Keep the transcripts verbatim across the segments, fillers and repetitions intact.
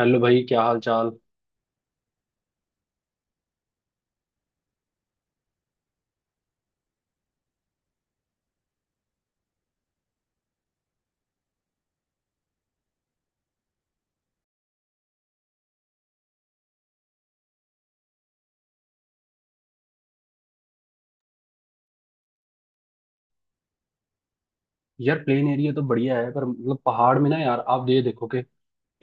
Hello भाई, क्या हाल चाल। यार प्लेन एरिया तो बढ़िया है, पर मतलब पहाड़ में ना, यार आप ये देखो कि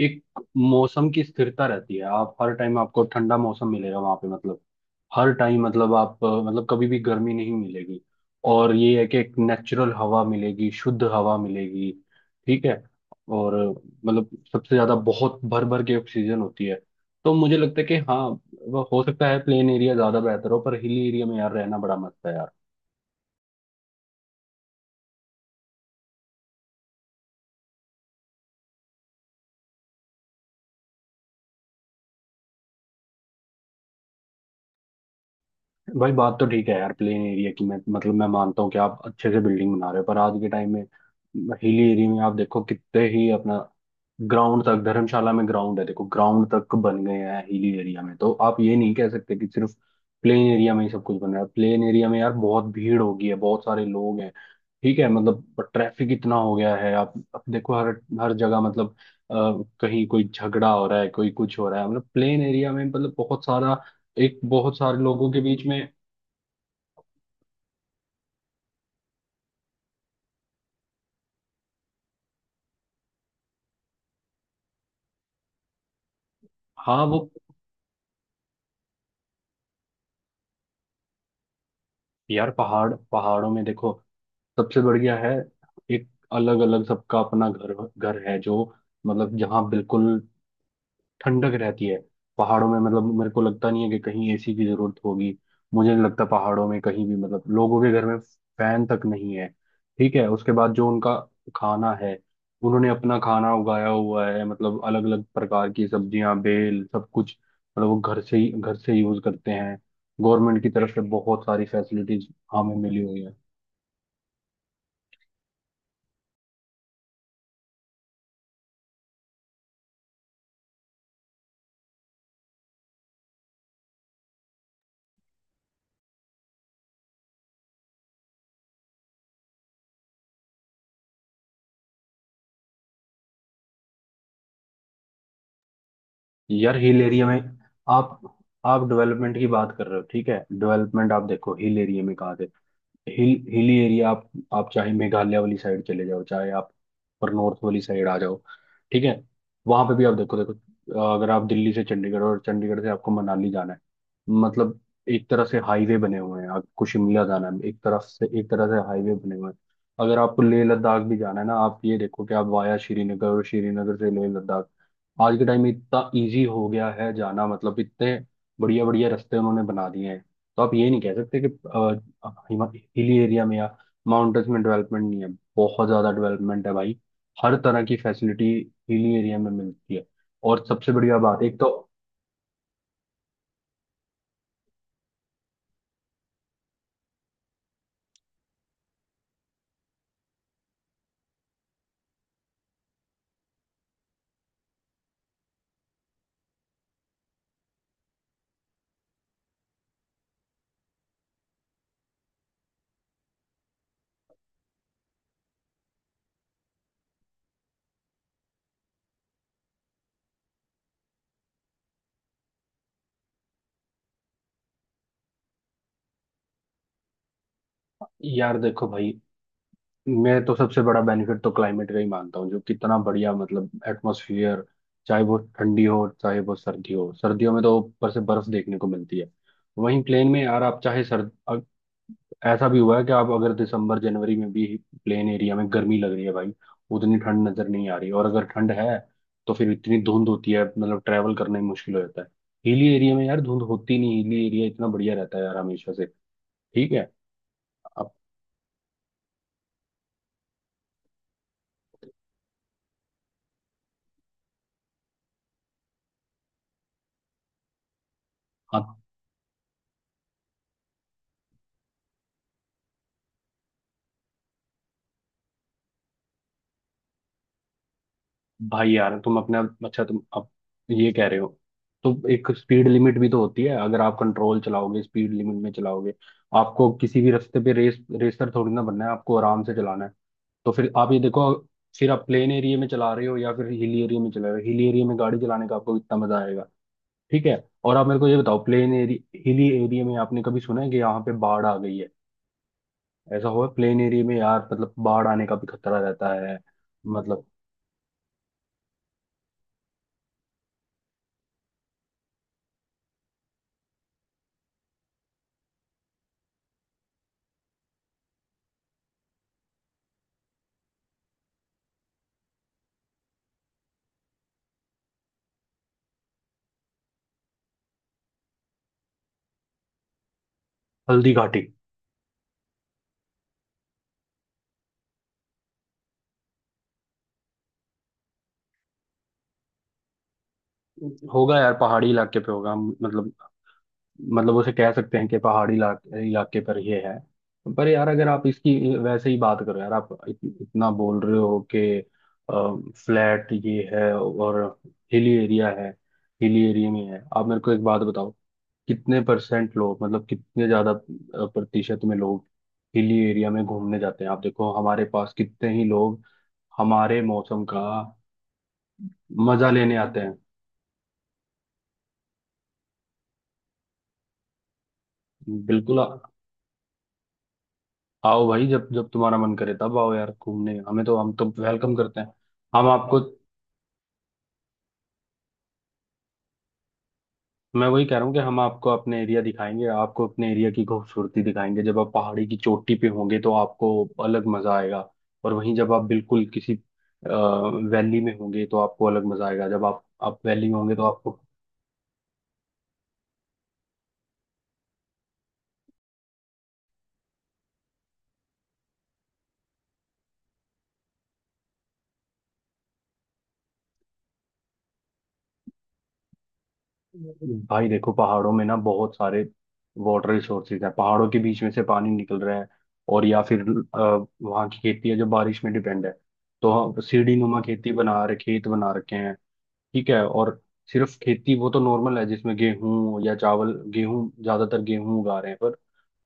एक मौसम की स्थिरता रहती है। आप हर टाइम आपको ठंडा मौसम मिलेगा वहां पे। मतलब हर टाइम, मतलब आप अ, मतलब कभी भी गर्मी नहीं मिलेगी। और ये है कि एक नेचुरल हवा मिलेगी, शुद्ध हवा मिलेगी। ठीक है। और अ, मतलब सबसे ज्यादा बहुत भर भर के ऑक्सीजन होती है। तो मुझे लगता है कि हाँ, वो हो सकता है प्लेन एरिया ज्यादा बेहतर हो, पर हिली एरिया में यार रहना बड़ा मस्त है यार। भाई बात तो ठीक है यार प्लेन एरिया की, मैं मतलब मैं मानता हूँ कि आप अच्छे से बिल्डिंग बना रहे हो, पर आज के टाइम में हिली एरिया में आप देखो कितने ही अपना ग्राउंड तक, धर्मशाला में ग्राउंड है, देखो ग्राउंड तक बन गए हैं हिली एरिया में। तो आप ये नहीं कह सकते कि सिर्फ प्लेन एरिया में ही सब कुछ बन रहा है। प्लेन एरिया में यार बहुत भीड़ होगी है, बहुत सारे लोग हैं। ठीक है, मतलब ट्रैफिक इतना हो गया है। आप आप देखो हर हर जगह, मतलब अ, कहीं कोई झगड़ा हो रहा है, कोई कुछ हो रहा है, मतलब प्लेन एरिया में मतलब बहुत सारा, एक बहुत सारे लोगों के बीच में। हाँ वो, यार पहाड़ पहाड़ों में देखो सबसे बढ़िया है। एक अलग अलग सबका अपना घर घर है जो, मतलब जहाँ बिल्कुल ठंडक रहती है। पहाड़ों में मतलब मेरे को लगता नहीं है कि कहीं एसी की जरूरत होगी। मुझे नहीं लगता पहाड़ों में कहीं भी, मतलब लोगों के घर में फैन तक नहीं है। ठीक है। उसके बाद जो उनका खाना है, उन्होंने अपना खाना उगाया हुआ है। मतलब अलग अलग प्रकार की सब्जियां, बेल, सब कुछ, मतलब वो घर से ही, घर से यूज करते हैं। गवर्नमेंट की तरफ से बहुत सारी फैसिलिटीज हमें मिली हुई है। यार हिल एरिया में आप आप डेवलपमेंट की बात कर रहे हो। ठीक है, डेवलपमेंट आप देखो, हिल एरिया में कहाँ से। हिल हिली एरिया, आप आप चाहे मेघालय वाली साइड चले जाओ, चाहे आप पर नॉर्थ वाली साइड आ जाओ, ठीक है, वहां पे भी आप देखो देखो, अ, अगर आप दिल्ली से चंडीगढ़ और चंडीगढ़ से आपको मनाली जाना है, मतलब एक तरह से हाईवे बने हुए हैं। आपको शिमला जाना है, एक तरफ से एक तरह से हाईवे बने हुए हैं। अगर आपको लेह लद्दाख भी जाना है ना, आप ये देखो कि आप वाया श्रीनगर और श्रीनगर से लेह लद्दाख, आज के टाइम में इतना इजी हो गया है जाना, मतलब इतने बढ़िया बढ़िया रास्ते उन्होंने बना दिए हैं। तो आप ये नहीं कह सकते कि हाँ, हिमा- हिली एरिया में या माउंटेन्स में डेवलपमेंट नहीं है। बहुत ज्यादा डेवलपमेंट है भाई। हर तरह की फैसिलिटी हिली एरिया में मिलती है। और सबसे बढ़िया बात एक तो, यार देखो भाई, मैं तो सबसे बड़ा बेनिफिट तो क्लाइमेट का ही मानता हूँ, जो कितना बढ़िया, मतलब एटमोसफियर, चाहे वो ठंडी हो, चाहे वो सर्दी हो। सर्दियों में तो ऊपर से बर्फ देखने को मिलती है। वहीं प्लेन में यार आप चाहे सर्द, ऐसा भी हुआ है कि आप अगर दिसंबर जनवरी में भी प्लेन एरिया में गर्मी लग रही है भाई। उतनी ठंड नजर नहीं आ रही, और अगर ठंड है तो फिर इतनी धुंध होती है, मतलब ट्रैवल करना ही मुश्किल हो जाता है। हिली एरिया में यार धुंध होती नहीं, हिली एरिया इतना बढ़िया रहता है यार हमेशा से। ठीक है। अब आप, भाई यार तुम अपना, अच्छा तुम अब ये कह रहे हो, तो एक स्पीड लिमिट भी तो होती है। अगर आप कंट्रोल चलाओगे, स्पीड लिमिट में चलाओगे, आपको किसी भी रास्ते पे रेस रेसर थोड़ी ना बनना है। आपको आराम से चलाना है। तो फिर आप ये देखो, फिर आप प्लेन एरिया में चला रहे हो या फिर हिल एरिया में चला रहे हो, हिल एरिया में गाड़ी चलाने का आपको इतना मजा आएगा। ठीक है। और आप मेरे को ये बताओ, प्लेन एरिया, हिली एरिया में आपने कभी सुना है कि यहाँ पे बाढ़ आ गई है? ऐसा हुआ है? प्लेन एरिया में यार मतलब बाढ़ आने का भी खतरा रहता है। मतलब हल्दी घाटी, होगा यार पहाड़ी इलाके पे होगा। हम- मतलब, मतलब उसे कह सकते हैं कि पहाड़ी इलाके इलाके पर ये है। पर यार अगर आप इसकी वैसे ही बात करो, यार आप इत, इतना बोल रहे हो कि फ्लैट ये है और हिली एरिया है। हिली एरिया में है, आप मेरे को एक बात बताओ, कितने परसेंट लोग, मतलब कितने ज्यादा अ, प्रतिशत में लोग हिली एरिया में घूमने जाते हैं? आप देखो हमारे पास कितने ही लोग हमारे मौसम का मजा लेने आते हैं। बिल्कुल आओ भाई, जब जब तुम्हारा मन करे तब आओ यार घूमने, हमें तो, हम तो वेलकम करते हैं। हम आपको, मैं वही कह रहा हूँ कि हम आपको अपने एरिया दिखाएंगे, आपको अपने एरिया की खूबसूरती दिखाएंगे। जब आप पहाड़ी की चोटी पे होंगे तो आपको अलग मजा आएगा। और वहीं जब आप बिल्कुल किसी वैली में होंगे तो आपको अलग मजा आएगा। जब आप आप वैली में होंगे तो आपको, भाई देखो पहाड़ों में ना बहुत सारे वाटर रिसोर्सेज हैं। पहाड़ों के बीच में से पानी निकल रहा है, और या फिर अ, वहाँ की खेती है जो बारिश में डिपेंड है। तो हम सीढ़ी नुमा खेती बना रहे, खेत बना रखे हैं। ठीक है। और सिर्फ खेती वो तो नॉर्मल है, जिसमें गेहूं या चावल, गेहूं ज्यादातर गेहूं उगा रहे हैं। पर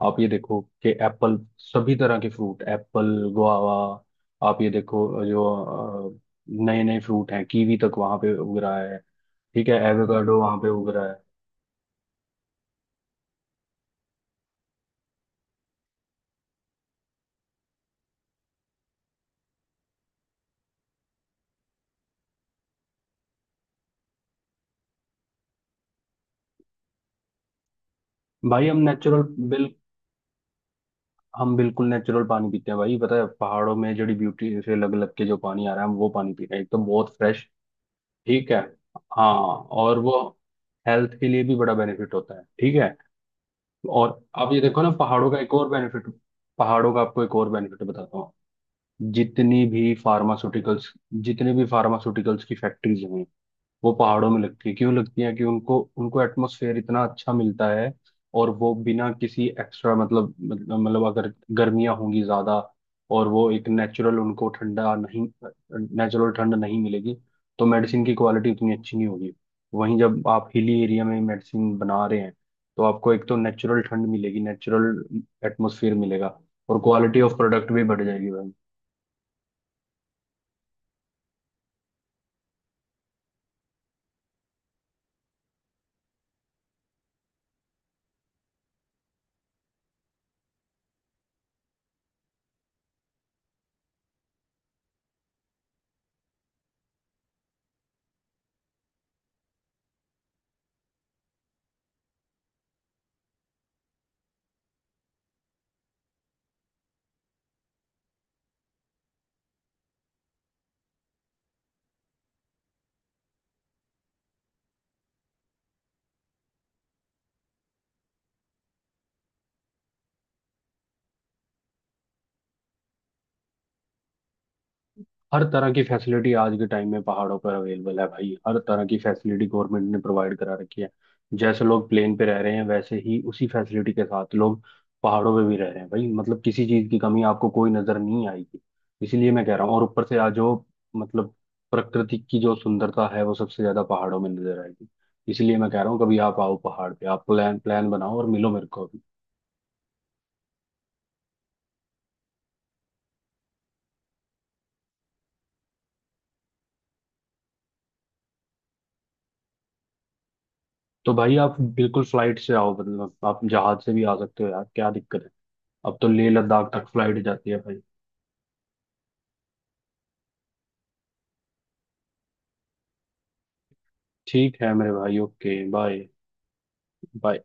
आप ये देखो कि एप्पल, सभी तरह के फ्रूट, एप्पल, गुआवा, आप ये देखो जो नए नए फ्रूट हैं कीवी तक वहां पे उग रहा है। ठीक है, एवोकाडो वहां पे उग रहा है। भाई हम नेचुरल, बिल हम बिल्कुल नेचुरल पानी पीते हैं भाई। पता है, पहाड़ों में जड़ी ब्यूटी से लग लग के जो पानी आ रहा है, हम वो पानी पी रहे हैं एकदम बहुत फ्रेश। ठीक है, हाँ, और वो हेल्थ के लिए भी बड़ा बेनिफिट होता है। ठीक है। और आप ये देखो ना, पहाड़ों का एक और बेनिफिट, पहाड़ों का आपको एक और बेनिफिट बताता हूँ। जितनी भी फार्मास्यूटिकल्स जितने भी फार्मास्यूटिकल्स की फैक्ट्रीज हैं, वो पहाड़ों में लगती है। क्यों लगती है? कि उनको उनको एटमोसफेयर इतना अच्छा मिलता है। और वो बिना किसी एक्स्ट्रा, मतलब मतलब मतलब अगर गर्मियां होंगी ज्यादा, और वो एक नेचुरल उनको ठंडा नहीं, नेचुरल ठंड नहीं मिलेगी तो मेडिसिन की क्वालिटी उतनी अच्छी नहीं होगी। वहीं जब आप हिली एरिया में मेडिसिन बना रहे हैं, तो आपको एक तो नेचुरल ठंड मिलेगी, नेचुरल एटमोसफियर मिलेगा, और क्वालिटी ऑफ प्रोडक्ट भी बढ़ जाएगी भाई। हर तरह की फैसिलिटी आज के टाइम में पहाड़ों पर अवेलेबल है भाई। हर तरह की फैसिलिटी गवर्नमेंट ने प्रोवाइड करा रखी है। जैसे लोग प्लेन पे रह रहे हैं, वैसे ही उसी फैसिलिटी के साथ लोग पहाड़ों पे भी रह रहे हैं भाई। मतलब किसी चीज की कमी आपको कोई नजर नहीं आएगी। इसीलिए मैं कह रहा हूँ। और ऊपर से आज जो, मतलब प्रकृति की जो सुंदरता है वो सबसे ज्यादा पहाड़ों में नजर आएगी। इसलिए मैं कह रहा हूँ कभी आप आओ पहाड़ पे, आप प्लान प्लान बनाओ और मिलो मेरे को अभी। तो भाई आप बिल्कुल फ्लाइट से आओ, मतलब आप जहाज से भी आ सकते हो यार, क्या दिक्कत है। अब तो लेह लद्दाख तक फ्लाइट जाती है भाई। ठीक है मेरे भाई, ओके बाय। बाय।